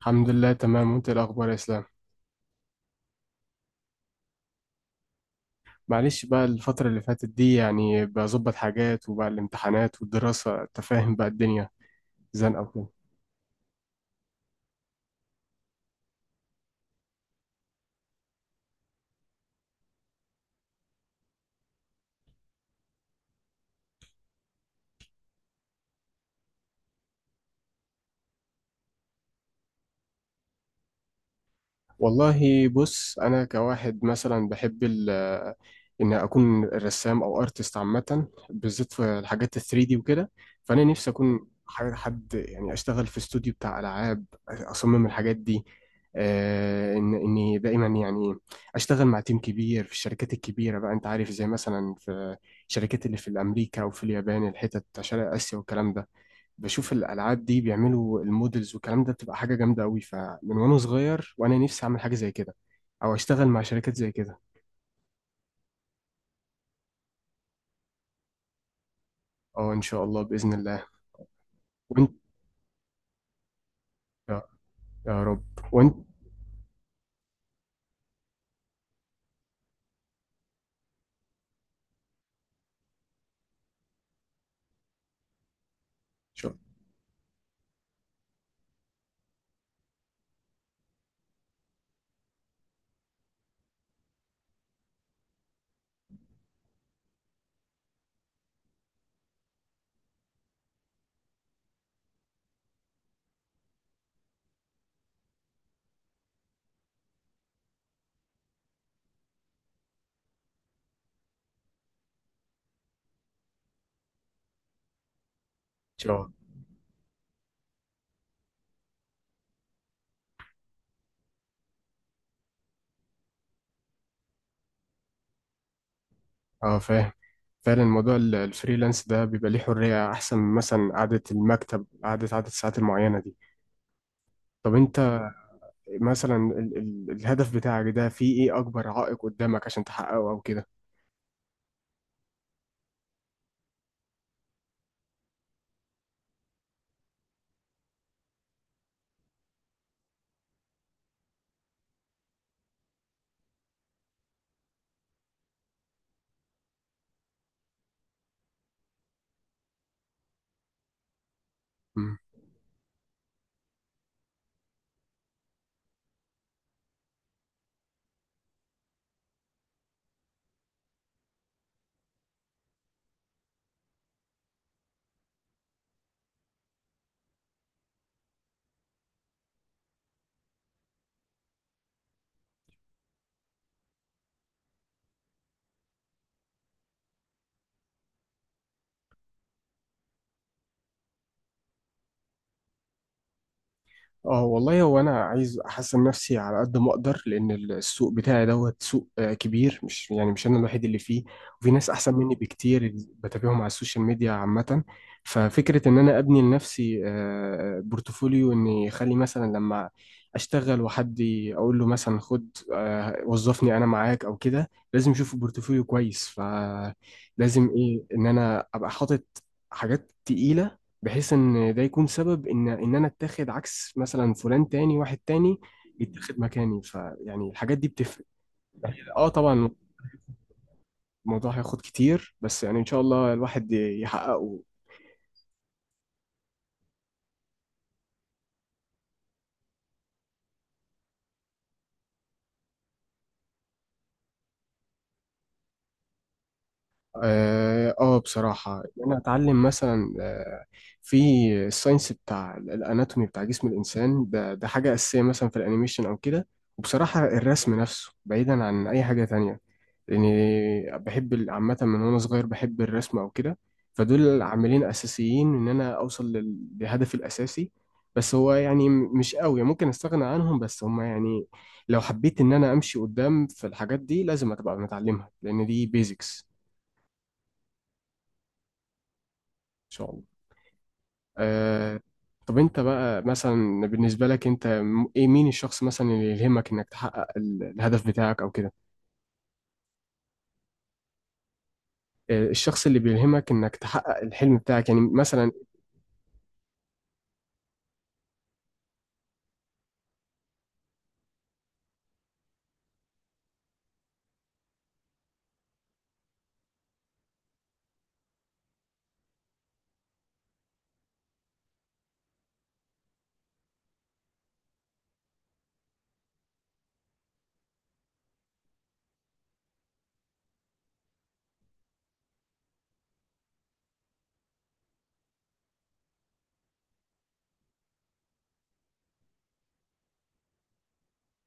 الحمد لله، تمام. وانت ايه الاخبار يا اسلام؟ معلش، بقى الفترة اللي فاتت دي يعني بظبط حاجات وبقى الامتحانات والدراسة، انت فاهم بقى الدنيا زنقة وكده. والله بص، انا كواحد مثلا بحب ال آه، ان اكون رسام او ارتست عامه، بالذات في الحاجات ال 3D وكده. فانا نفسي اكون حد يعني اشتغل في استوديو بتاع العاب، اصمم الحاجات دي. ان اني دايما يعني اشتغل مع تيم كبير في الشركات الكبيره، بقى انت عارف زي مثلا في الشركات اللي في امريكا وفي اليابان، الحتت بتاع شرق اسيا والكلام ده. بشوف الالعاب دي بيعملوا المودلز والكلام ده بتبقى حاجه جامده قوي، فمن وانا صغير وانا نفسي اعمل حاجه زي كده او اشتغل مع شركات زي كده. اه، ان شاء الله باذن الله. وانت. يا يا رب. وانت ان شاء الله. اه، فاهم. فعلا موضوع الفريلانس ده بيبقى ليه حريه احسن من مثلا قعده المكتب، قعده عدد الساعات المعينه دي. طب انت مثلا ال الهدف بتاعك ده فيه ايه اكبر عائق قدامك عشان تحققه او كده؟ اه، والله هو انا عايز احسن نفسي على قد ما اقدر، لان السوق بتاعي دوت سوق كبير، مش يعني مش انا الوحيد اللي فيه. وفي ناس احسن مني بكتير اللي بتابعهم على السوشيال ميديا عامة. ففكرة ان انا ابني لنفسي بورتفوليو، اني اخلي مثلا لما اشتغل وحد اقول له مثلا خد، وظفني انا معاك او كده، لازم اشوف بورتفوليو كويس. فلازم ايه ان انا ابقى حاطط حاجات تقيلة، بحيث ان ده يكون سبب ان انا اتاخد، عكس مثلا فلان تاني، واحد تاني يتاخد مكاني. فيعني الحاجات دي بتفرق. اه، طبعا. الموضوع هياخد كتير بس يعني ان شاء الله الواحد يحققه. اه، بصراحة إن انا اتعلم مثلا في الساينس بتاع الاناتومي بتاع جسم الانسان ده، حاجة اساسية مثلا في الانيميشن او كده. وبصراحة الرسم نفسه بعيدا عن اي حاجة تانية، لاني بحب عامه من وانا صغير بحب الرسم او كده. فدول عاملين اساسيين ان انا اوصل لهدفي الاساسي. بس هو يعني مش قوي ممكن استغنى عنهم، بس هم يعني لو حبيت ان انا امشي قدام في الحاجات دي لازم ابقى متعلمها لان دي بيزكس. ان شاء الله. أه. طب انت بقى مثلا بالنسبه لك انت ايه، مين الشخص مثلا اللي يلهمك انك تحقق الهدف بتاعك او كده؟ الشخص اللي بيلهمك انك تحقق الحلم بتاعك يعني مثلا.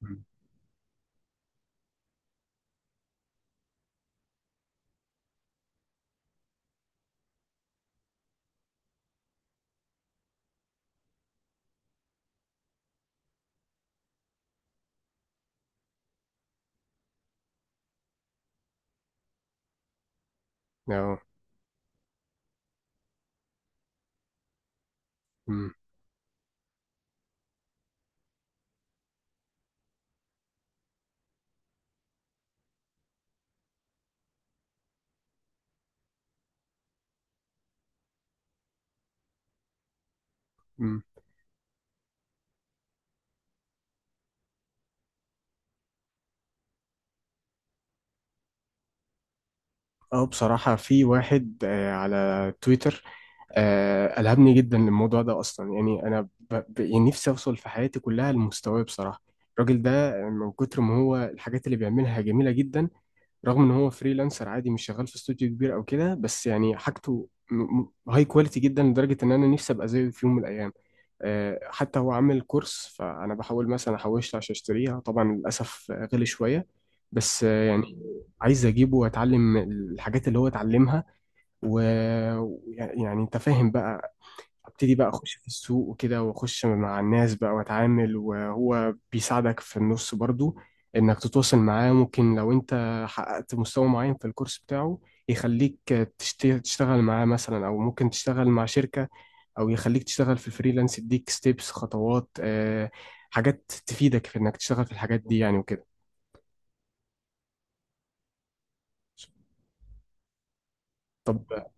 مم. اه. مم. اه، بصراحة في واحد على تويتر. ألهمني جدا للموضوع ده أصلا، يعني أنا يعني نفسي أوصل في حياتي كلها لمستواه بصراحة. الراجل ده، من كتر ما هو الحاجات اللي بيعملها جميلة جدا، رغم ان هو فريلانسر عادي مش شغال في استوديو كبير او كده، بس يعني حاجته هاي كواليتي جدا لدرجه ان انا نفسي ابقى زيه في يوم من الايام. حتى هو عامل كورس، فانا بحاول مثلا احوشت عشان اشتريها، طبعا للاسف غلي شويه، بس يعني عايز اجيبه واتعلم الحاجات اللي هو اتعلمها. ويعني انت فاهم بقى، ابتدي بقى اخش في السوق وكده واخش مع الناس بقى واتعامل، وهو بيساعدك في النص برضو انك تتواصل معاه. ممكن لو انت حققت مستوى معين في الكورس بتاعه يخليك تشتغل معاه مثلا، او ممكن تشتغل مع شركة، او يخليك تشتغل في الفريلانس، يديك ستيبس خطوات، حاجات تفيدك في انك تشتغل في الحاجات دي يعني وكده. طب.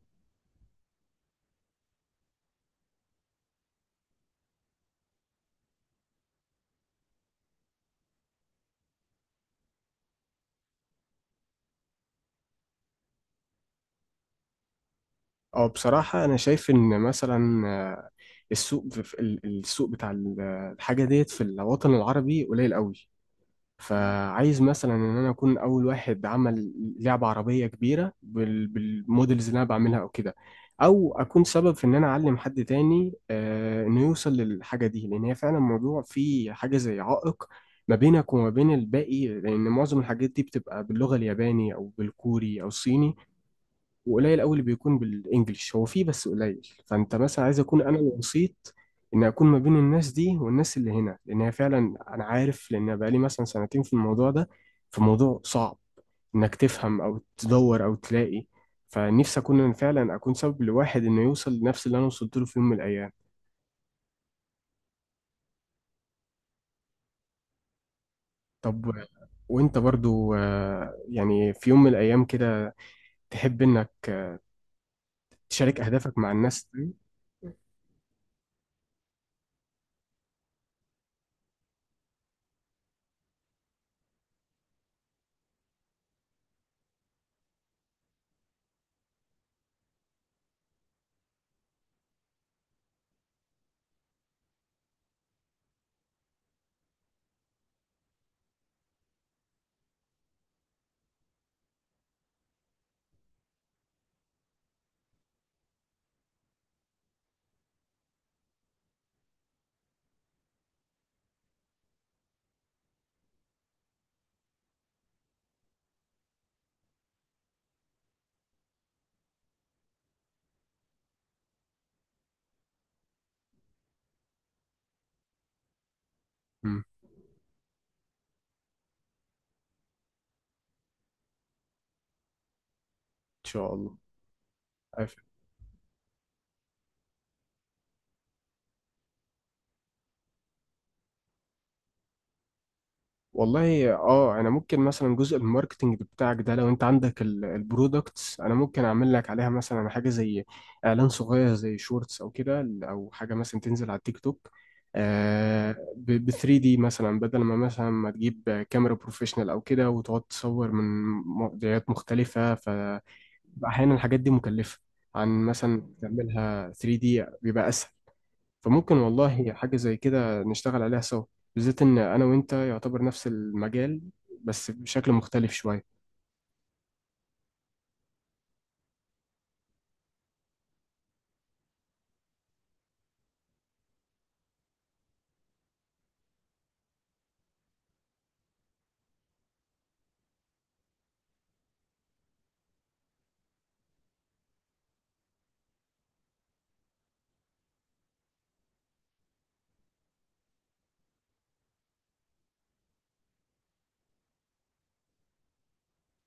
اه، بصراحة أنا شايف إن مثلا السوق السوق بتاع الحاجة ديت في الوطن العربي قليل قوي. فعايز مثلا ان انا اكون اول واحد عمل لعبه عربيه كبيره بالمودلز اللي انا بعملها او كده، او اكون سبب في ان انا اعلم حد تاني، انه يوصل للحاجه دي، لان هي فعلا موضوع فيه حاجه زي عائق ما بينك وما بين الباقي، لان معظم الحاجات دي بتبقى باللغه الياباني او بالكوري او الصيني. وقليل قوي اللي بيكون بالانجلش، هو فيه بس قليل. فانت مثلا عايز اكون انا الوسيط، ان اكون ما بين الناس دي والناس اللي هنا، لان هي فعلا انا عارف لان بقالي مثلا سنتين في الموضوع ده، فموضوع صعب انك تفهم او تدور او تلاقي. فنفسي اكون أنا فعلا اكون سبب لواحد انه يوصل لنفس اللي انا وصلت له في يوم من الايام. طب وانت برضو، يعني في يوم من الايام كده تحب انك تشارك اهدافك مع الناس تاني؟ مم. ان شاء الله. والله اه، انا ممكن مثلا جزء الماركتنج بتاعك ده، لو انت عندك البرودكتس انا ممكن اعمل لك عليها مثلا حاجه زي اعلان صغير زي شورتس او كده، او حاجه مثلا تنزل على التيك توك، ب 3 دي مثلا، بدل ما مثلا ما تجيب كاميرا بروفيشنال او كده وتقعد تصور من مواضيعات مختلفه. ف احيانا الحاجات دي مكلفه، عن مثلا تعملها 3D بيبقى اسهل. فممكن والله حاجة زي كده نشتغل عليها سوا، بالذات إن أنا وأنت يعتبر نفس المجال، بس بشكل مختلف شوية.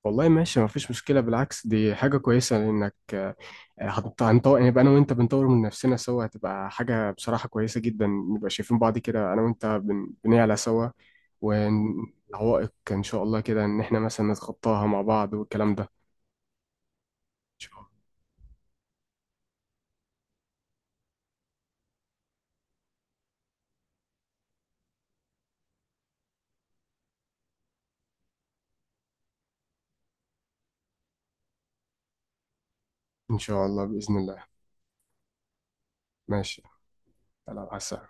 والله ماشي، مفيش مشكلة، بالعكس دي حاجة كويسة لأنك هنطور يعني، يبقى أنا وأنت بنطور من نفسنا سوا، هتبقى حاجة بصراحة كويسة جدا، نبقى شايفين بعض كده أنا وأنت بنعلى سوا، والعوائق إن شاء الله كده إن إحنا مثلا نتخطاها مع بعض والكلام ده. إن شاء الله إن شاء الله بإذن الله. ماشي. على السلامة.